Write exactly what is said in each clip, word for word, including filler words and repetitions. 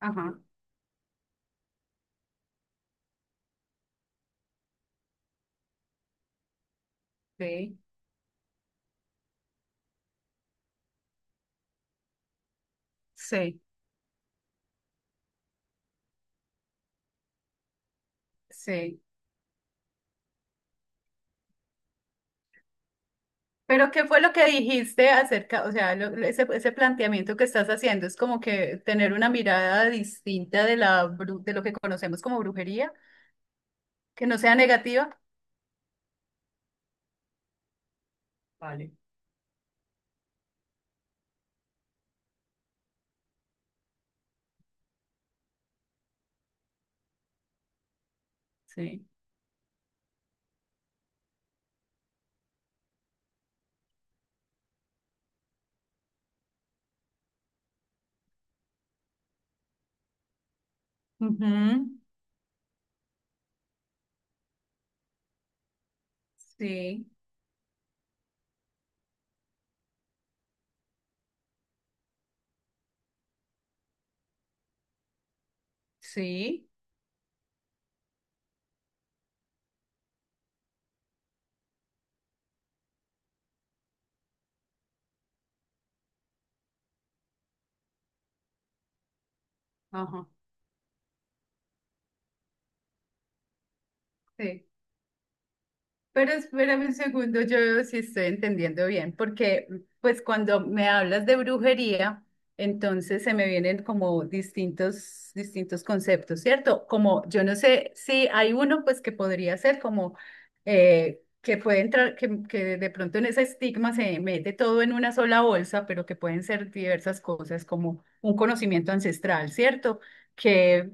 Ajá, sí, sí, sí. Pero ¿qué fue lo que dijiste acerca, o sea, lo- lo- ese, ese planteamiento que estás haciendo es como que tener una mirada distinta de la bru- de lo que conocemos como brujería, que no sea negativa? Vale, sí. Ujú, Sí, sí, ajá, sí. Pero espérame un segundo, yo veo si estoy entendiendo bien, porque pues cuando me hablas de brujería, entonces se me vienen como distintos, distintos conceptos, ¿cierto? Como yo no sé si hay uno pues que podría ser como eh, que puede entrar, que, que de pronto en ese estigma se mete todo en una sola bolsa, pero que pueden ser diversas cosas como un conocimiento ancestral, ¿cierto? que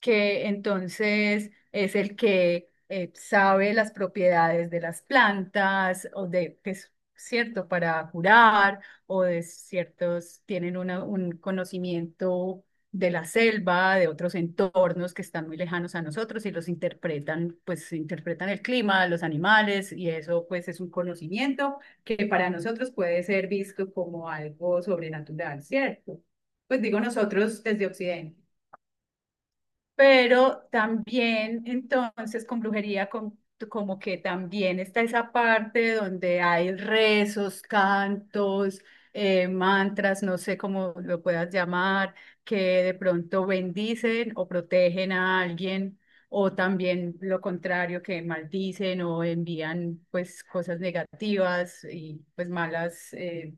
que entonces es el que eh, sabe las propiedades de las plantas o de, que es cierto, para curar o de ciertos, tienen una- un conocimiento de la selva, de otros entornos que están muy lejanos a nosotros y los interpretan, pues interpretan el clima, los animales y eso pues es un conocimiento que para nosotros puede ser visto como algo sobrenatural, ¿cierto? Pues digo nosotros desde Occidente, pero también entonces con brujería con- como que también está esa parte donde hay rezos, cantos, eh, mantras, no sé cómo lo puedas llamar, que de pronto bendicen o protegen a alguien. O también lo contrario, que maldicen o envían pues cosas negativas y pues malas eh,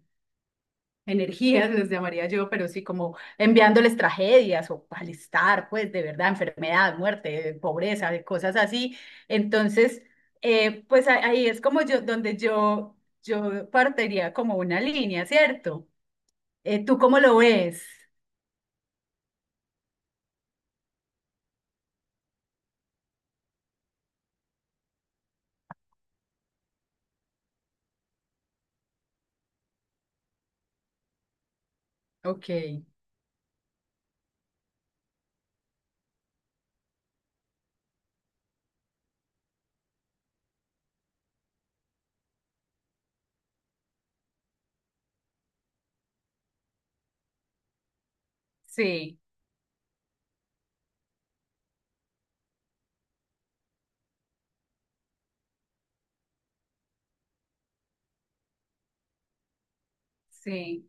energías, les llamaría yo, pero sí como enviándoles tragedias o malestar, pues de verdad, enfermedad, muerte, eh, pobreza, de cosas así. Entonces, eh, pues a- ahí es como yo, donde yo, yo partiría como una línea, ¿cierto? Eh, ¿tú cómo lo ves? Ok, sí, sí,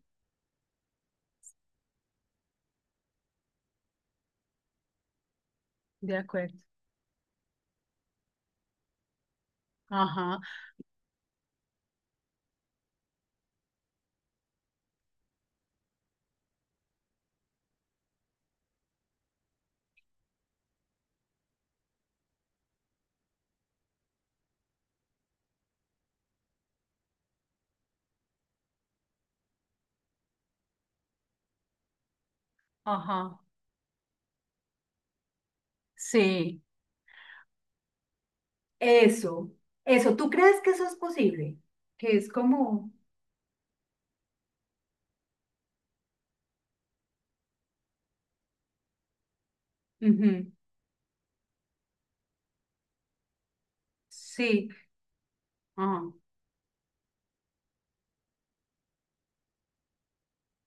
de acuerdo. Ajá, ajá, sí. Eso, eso, ¿tú crees que eso es posible? Que es como, ujú, sí. Ajá.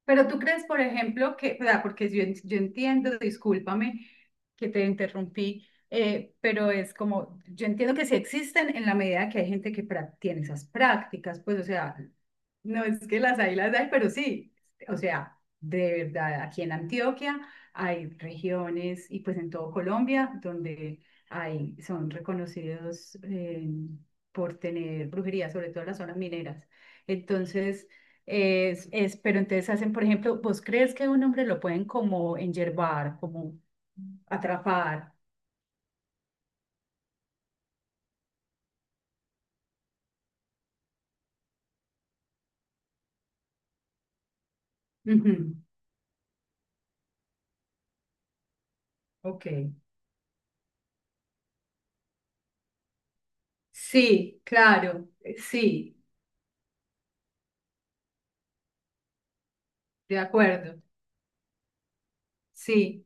Pero tú crees, por ejemplo, que, o sea, porque yo, en- yo entiendo, discúlpame que te interrumpí, eh, pero es como, yo entiendo que sí existen en la medida que hay gente que pra- tiene esas prácticas, pues, o sea, no es que las hay, las hay, pero sí, o sea, de verdad, aquí en Antioquia hay regiones y pues en todo Colombia donde hay, son reconocidos eh, por tener brujería, sobre todo en las zonas mineras. Entonces, es, es, pero entonces hacen, por ejemplo, ¿vos crees que un hombre lo pueden como enyervar, como atrapar? Ujú. Ok. Sí, claro, eh, sí, de acuerdo. Sí,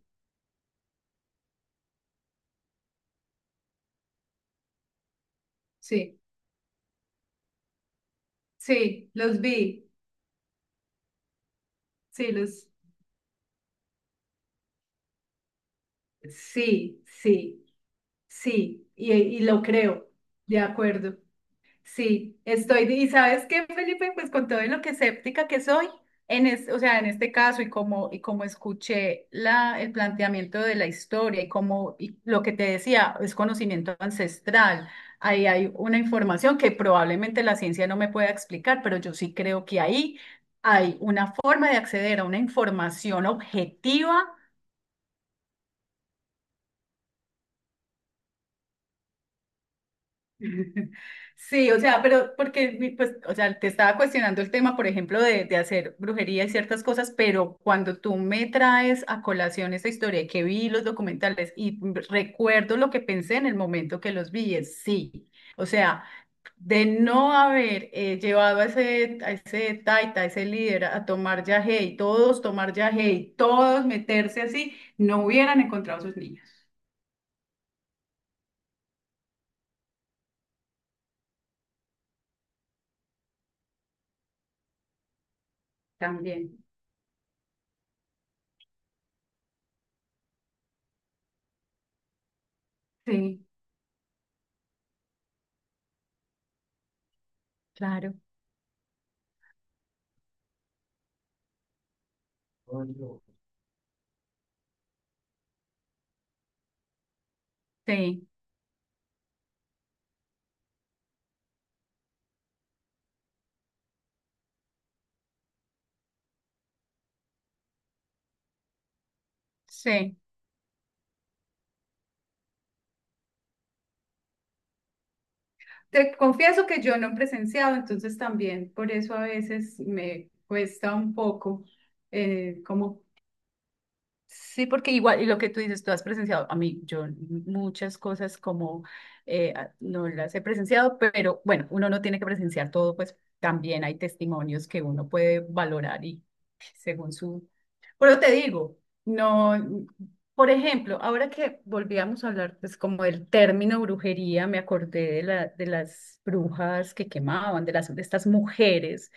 sí, sí, los vi, sí, los, sí, sí, sí, y, y lo creo, de acuerdo. Sí, estoy, y sabes qué, Felipe, pues con todo en lo que escéptica que soy, en es, o sea, en este caso y como, y como escuché la, el planteamiento de la historia y como y lo que te decía, es conocimiento ancestral, ahí hay una información que probablemente la ciencia no me pueda explicar, pero yo sí creo que ahí hay una forma de acceder a una información objetiva. Sí, o sea, pero porque, mi- pues, o sea, te estaba cuestionando el tema, por ejemplo, de, de hacer brujería y ciertas cosas, pero cuando tú me traes a colación esta historia y que vi los documentales y m- recuerdo lo que pensé en el momento que los vi, es sí. O sea, de no haber eh, llevado a ese, a ese taita, a ese líder a tomar yagé y todos tomar yagé y todos meterse así, no hubieran encontrado a sus niños. También. Sí, claro. Sí. Sí, te confieso que yo no he presenciado, entonces también por eso a veces me cuesta un poco eh, como... Sí, porque igual, y lo que tú dices, tú has presenciado, a mí, yo muchas cosas como eh, a- no las he presenciado, pero bueno, uno no tiene que presenciar todo, pues también hay testimonios que uno puede valorar y según su... Pero te digo, no, por ejemplo, ahora que volvíamos a hablar, pues como del término brujería, me acordé de la, de las brujas que quemaban, de las, de estas mujeres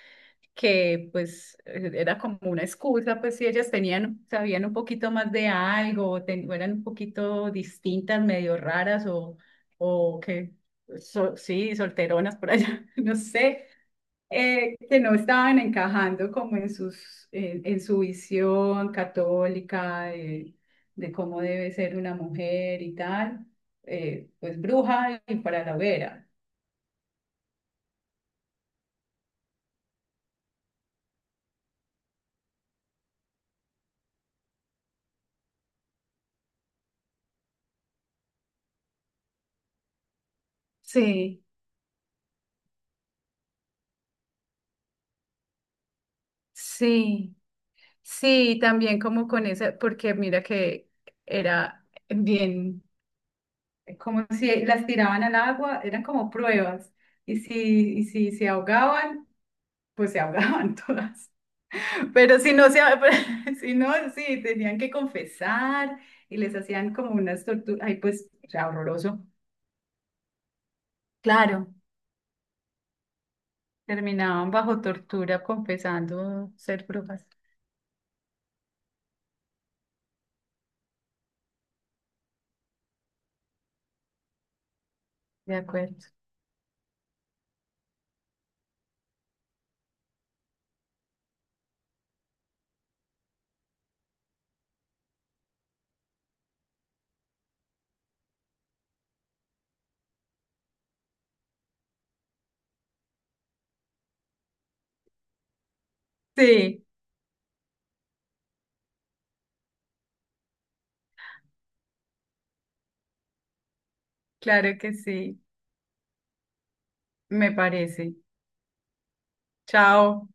que pues eh, era como una excusa, pues si ellas tenían, sabían un poquito más de algo, o ten- o eran un poquito distintas, medio raras o, o que, so- sí, solteronas por allá, no sé, eh, que no estaban encajando como en sus, en, en su visión católica de, de cómo debe ser una mujer y tal, eh, pues bruja y para la hoguera. Sí, sí, sí, también como con esa, porque mira que era bien. Es como si las tiraban al agua, eran como pruebas. Y si, y si se ahogaban, pues se ahogaban todas. Pero si no, se, ah- si no, sí, tenían que confesar y les hacían como unas torturas. Ay, pues, o sea, horroroso. Claro, terminaban bajo tortura confesando ser brujas. De acuerdo. Sí, claro que sí, me parece. Chao.